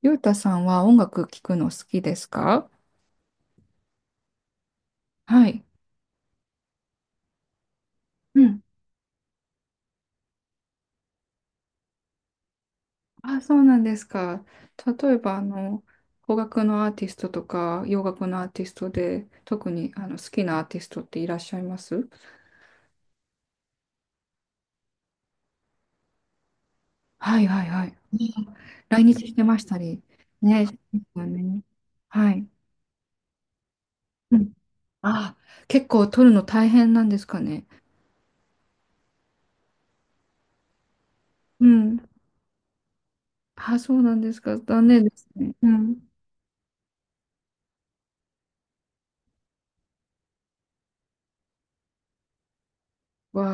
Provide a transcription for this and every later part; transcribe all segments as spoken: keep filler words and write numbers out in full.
ゆうたさんは音楽聴くの好きですか？はい。うん。あ、そうなんですか。例えば、あの、邦楽のアーティストとか、洋楽のアーティストで、特にあの好きなアーティストっていらっしゃいます？はいはいはい。うん。来日してましたり。ね、ですよね。はい。うん。あ、結構撮るの大変なんですかね。うん。あ、そうなんですか。残念ですね。うん。わ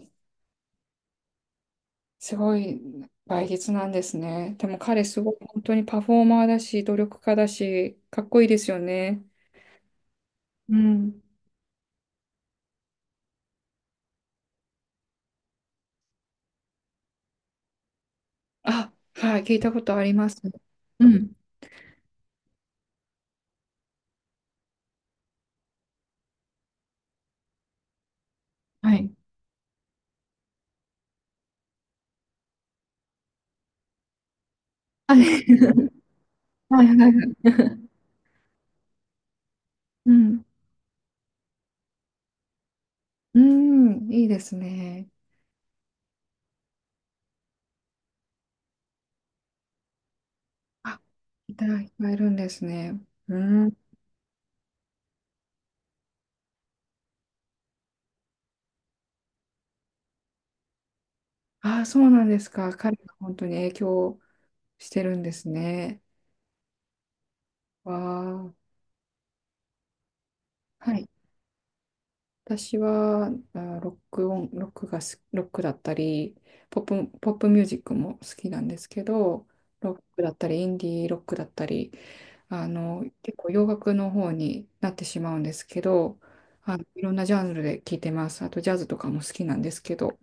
あ。すごい倍率なんですね。でも彼すごい本当にパフォーマーだし、努力家だし、かっこいいですよね。うん。あ、はい、聞いたことあります。うん。はい。はい はいはいはい。うん。うん、いいですね。あ、いただいっいるんですね。うん。あ、そうなんですか。彼が本当に影響してるんですね。わあ。はい。私はあロック音、ロックがす、ロックだったり、ポップ、ポップミュージックも好きなんですけど、ロックだったり、インディーロックだったり、あの、結構洋楽の方になってしまうんですけど、あの、いろんなジャンルで聴いてます。あとジャズとかも好きなんですけど、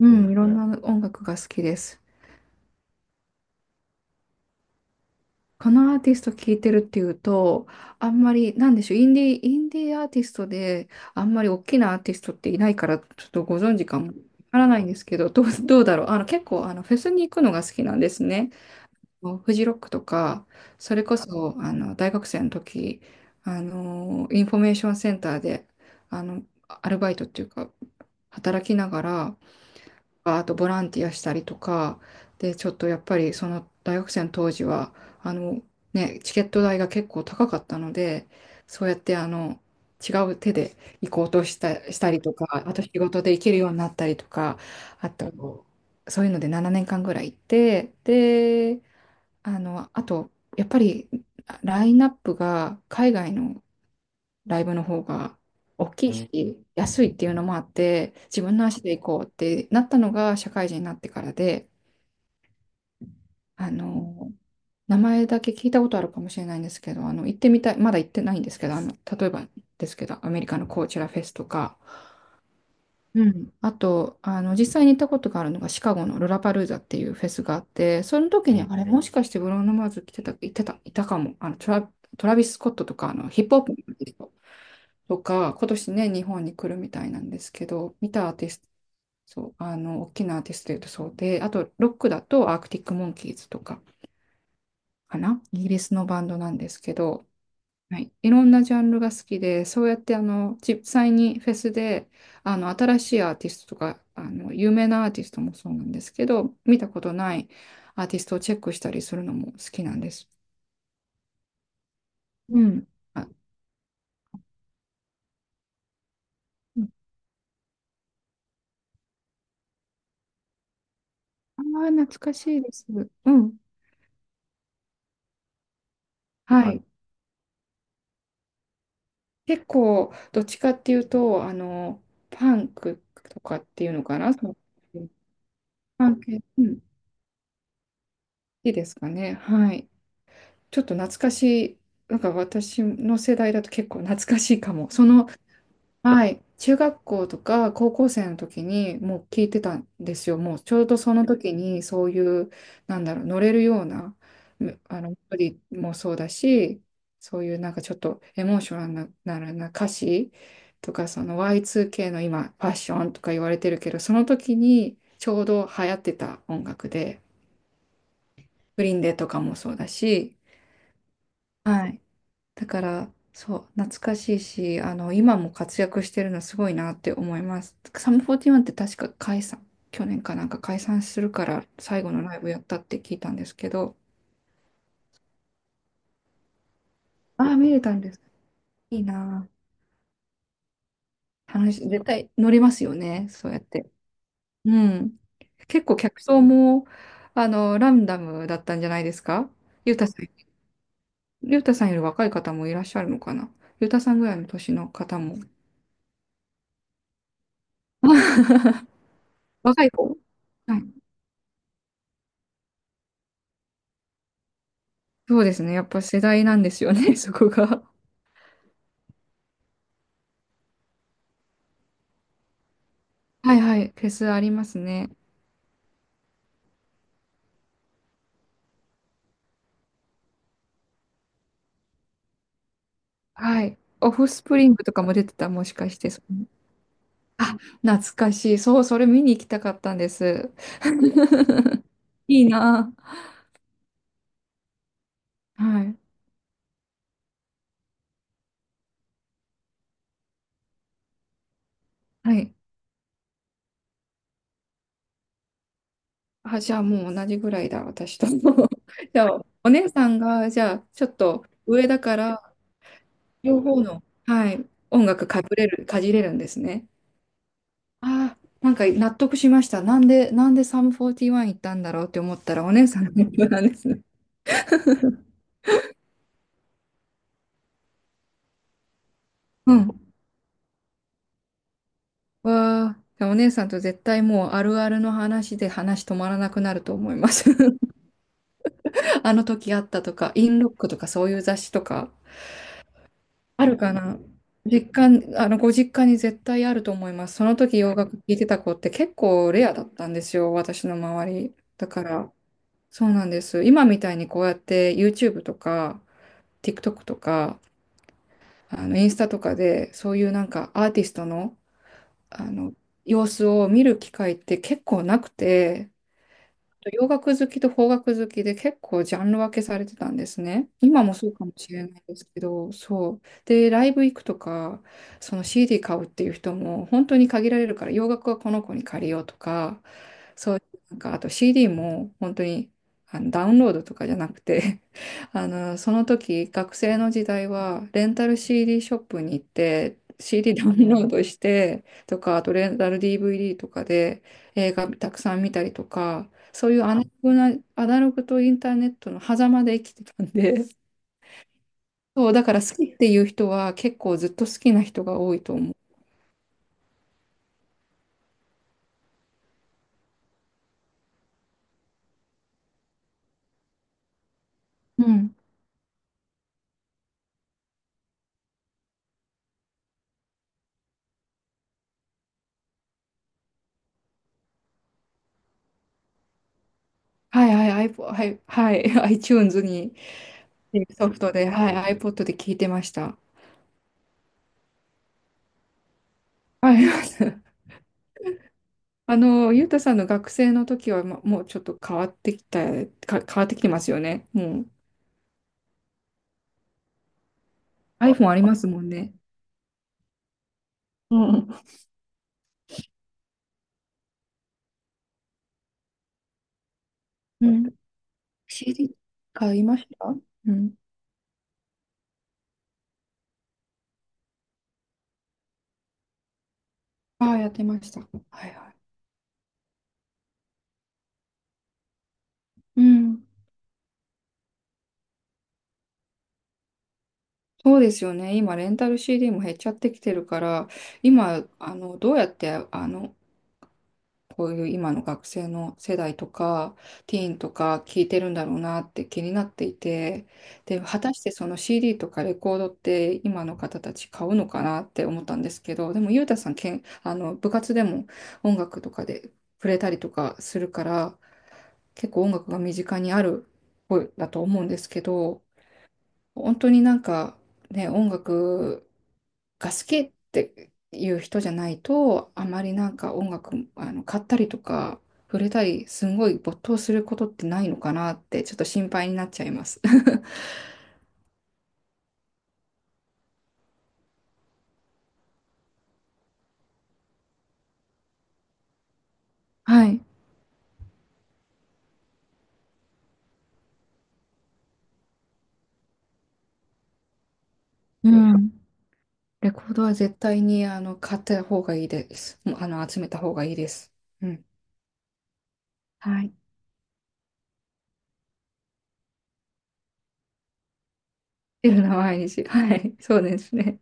うん、いろんな音楽が好きです。このアーティスト聴いてるっていうと、あんまり、なんでしょう、インディー、インディーアーティストで、あんまり大きなアーティストっていないから、ちょっとご存知かもわからないんですけど、どう、どうだろう。あの、結構、あの、フェスに行くのが好きなんですね。フジロックとか、それこそ、あの、大学生の時、あの、インフォメーションセンターで、あの、アルバイトっていうか、働きながら、あとボランティアしたりとか、で、ちょっとやっぱりその大学生の当時は、あの、ね、チケット代が結構高かったので、そうやってあの、違う手で行こうとした、したりとか、あと仕事で行けるようになったりとか、あと、そういうのでななねんかんぐらい行って、で、あの、あと、やっぱりラインナップが海外のライブの方が大きいうんし、安いっていうのもあって、自分の足で行こうってなったのが社会人になってからで、あの、名前だけ聞いたことあるかもしれないんですけど、あの、行ってみたい、まだ行ってないんですけど、あの、例えばですけど、アメリカのコーチェラフェスとか、うん、あと、あの、実際に行ったことがあるのがシカゴのロラパルーザっていうフェスがあって、その時うに、んあれ、もしかしてブローノ・マーズ来てた、行ってた、いたかも、あの、トラ、トラビス・スコットとか、あの、ヒップホップの人とか、今年ね、日本に来るみたいなんですけど、見たアーティスト、そう、あの、大きなアーティストで言うとそうで、あと、ロックだとアークティック・モンキーズとかかな、イギリスのバンドなんですけど、はい、いろんなジャンルが好きで、そうやってあの実際にフェスであの新しいアーティストとかあの有名なアーティストもそうなんですけど、見たことないアーティストをチェックしたりするのも好きなんです。うん。あ、うん。あー、懐かしいです。うん。ははい。結構、どっちかっていうと、あの、パンクとかっていうのかな、そのパン系、うん、好きですかね。はい。ちょっと懐かしい、なんか私の世代だと結構懐かしいかも。そのはい、中学校とか高校生の時にもう聞いてたんですよ。もうちょうどその時にそういう、なんだろう、乗れるような、むあの、メロディーもそうだし、そういうなんかちょっとエモーショナルな、な歌詞とか、その ワイツーケー の今、ファッションとか言われてるけど、その時にちょうど流行ってた音楽で、グリーンデーとかもそうだし、はい、だから、そう、懐かしいし、あの、今も活躍してるのすごいなって思います。サムフォーティフォーンって確か解散、去年かなんか解散するから最後のライブやったって聞いたんですけど、ああ、見れたんです。いいなあ。楽し、絶対乗りますよね、そうやって。うん。結構客層も、あの、ランダムだったんじゃないですか？ゆうたさん、ゆうたさんより若い方もいらっしゃるのかな、ゆうたさんぐらいの年の方も。若い子、はい、そうですね。やっぱ世代なんですよね、そこが。はいはい。フェスありますね。はい。オフスプリングとかも出てた、もしかして。そのあ、懐かしい。そう、それ見に行きたかったんです。いいなあ。はい。はい。あ、じゃあもう同じぐらいだ、私と。じゃあ、お姉さんが、じゃあ、ちょっと上だから、両方の、はい、音楽かぶれる、かじれるんですね。ああ、なんか納得しました。なんで、なんでサムフォーティーワン行ったんだろうって思ったら、お姉さんの影響なんですね。うん。わあ、じゃあお姉さんと絶対もうあるあるの話で話止まらなくなると思います。あの時あったとか、インロックとかそういう雑誌とか、あるかな、実家、あの、ご実家に絶対あると思います。その時洋楽聴いてた子って結構レアだったんですよ、私の周り。だから、そうなんです。今みたいにこうやって YouTube とか、TikTok とか、あの、インスタとかで、そういうなんかアーティストの、あの、様子を見る機会って結構なくて、洋楽好きと邦楽好きで結構ジャンル分けされてたんですね。今もそうかもしれないですけど、そう。で、ライブ行くとか、その シーディー 買うっていう人も本当に限られるから、洋楽はこの子に借りようとか、そういう、なんか、あと シーディー も本当にあのダウンロードとかじゃなくて あの、その時、学生の時代は、レンタル シーディー ショップに行って、シーディー ダウンロードしてとか、あとレンタル ディーブイディー とかで映画たくさん見たりとか、そういうアナログな、アナログとインターネットの狭間で生きてたんで、そう、だから好きっていう人は結構ずっと好きな人が多いと思う。うん。はいはい、iPod、はい、はい、iTunes にソフトで、はい、iPod で聞いてました。はい、あの、ゆうたさんの学生の時は、ま、もうちょっと変わってきた、か、変わってきてますよね。もう iPhone ありますもんね。うん。うん。シーディー 買いました。うん。ああ、やってました。はいはい。うん。そうですよね。今、レンタル シーディー も減っちゃってきてるから、今、あの、どうやって、あの、こういう今の学生の世代とか、ティーンとか聞いてるんだろうなって気になっていて、で、果たしてその シーディー とかレコードって今の方たち買うのかなって思ったんですけど、でも、ゆうたさん、けん、あの、部活でも音楽とかで触れたりとかするから、結構音楽が身近にある方だと思うんですけど、本当になんか、ね、音楽が好きっていう人じゃないと、あまりなんか音楽、あの、買ったりとか、触れたり、すんごい没頭することってないのかなって、ちょっと心配になっちゃいます。はい。うん。レコードは絶対に、あの、買った方がいいです。もうあの、集めた方がいいです。うん。はい。っていうのは毎日。はい。そうですね。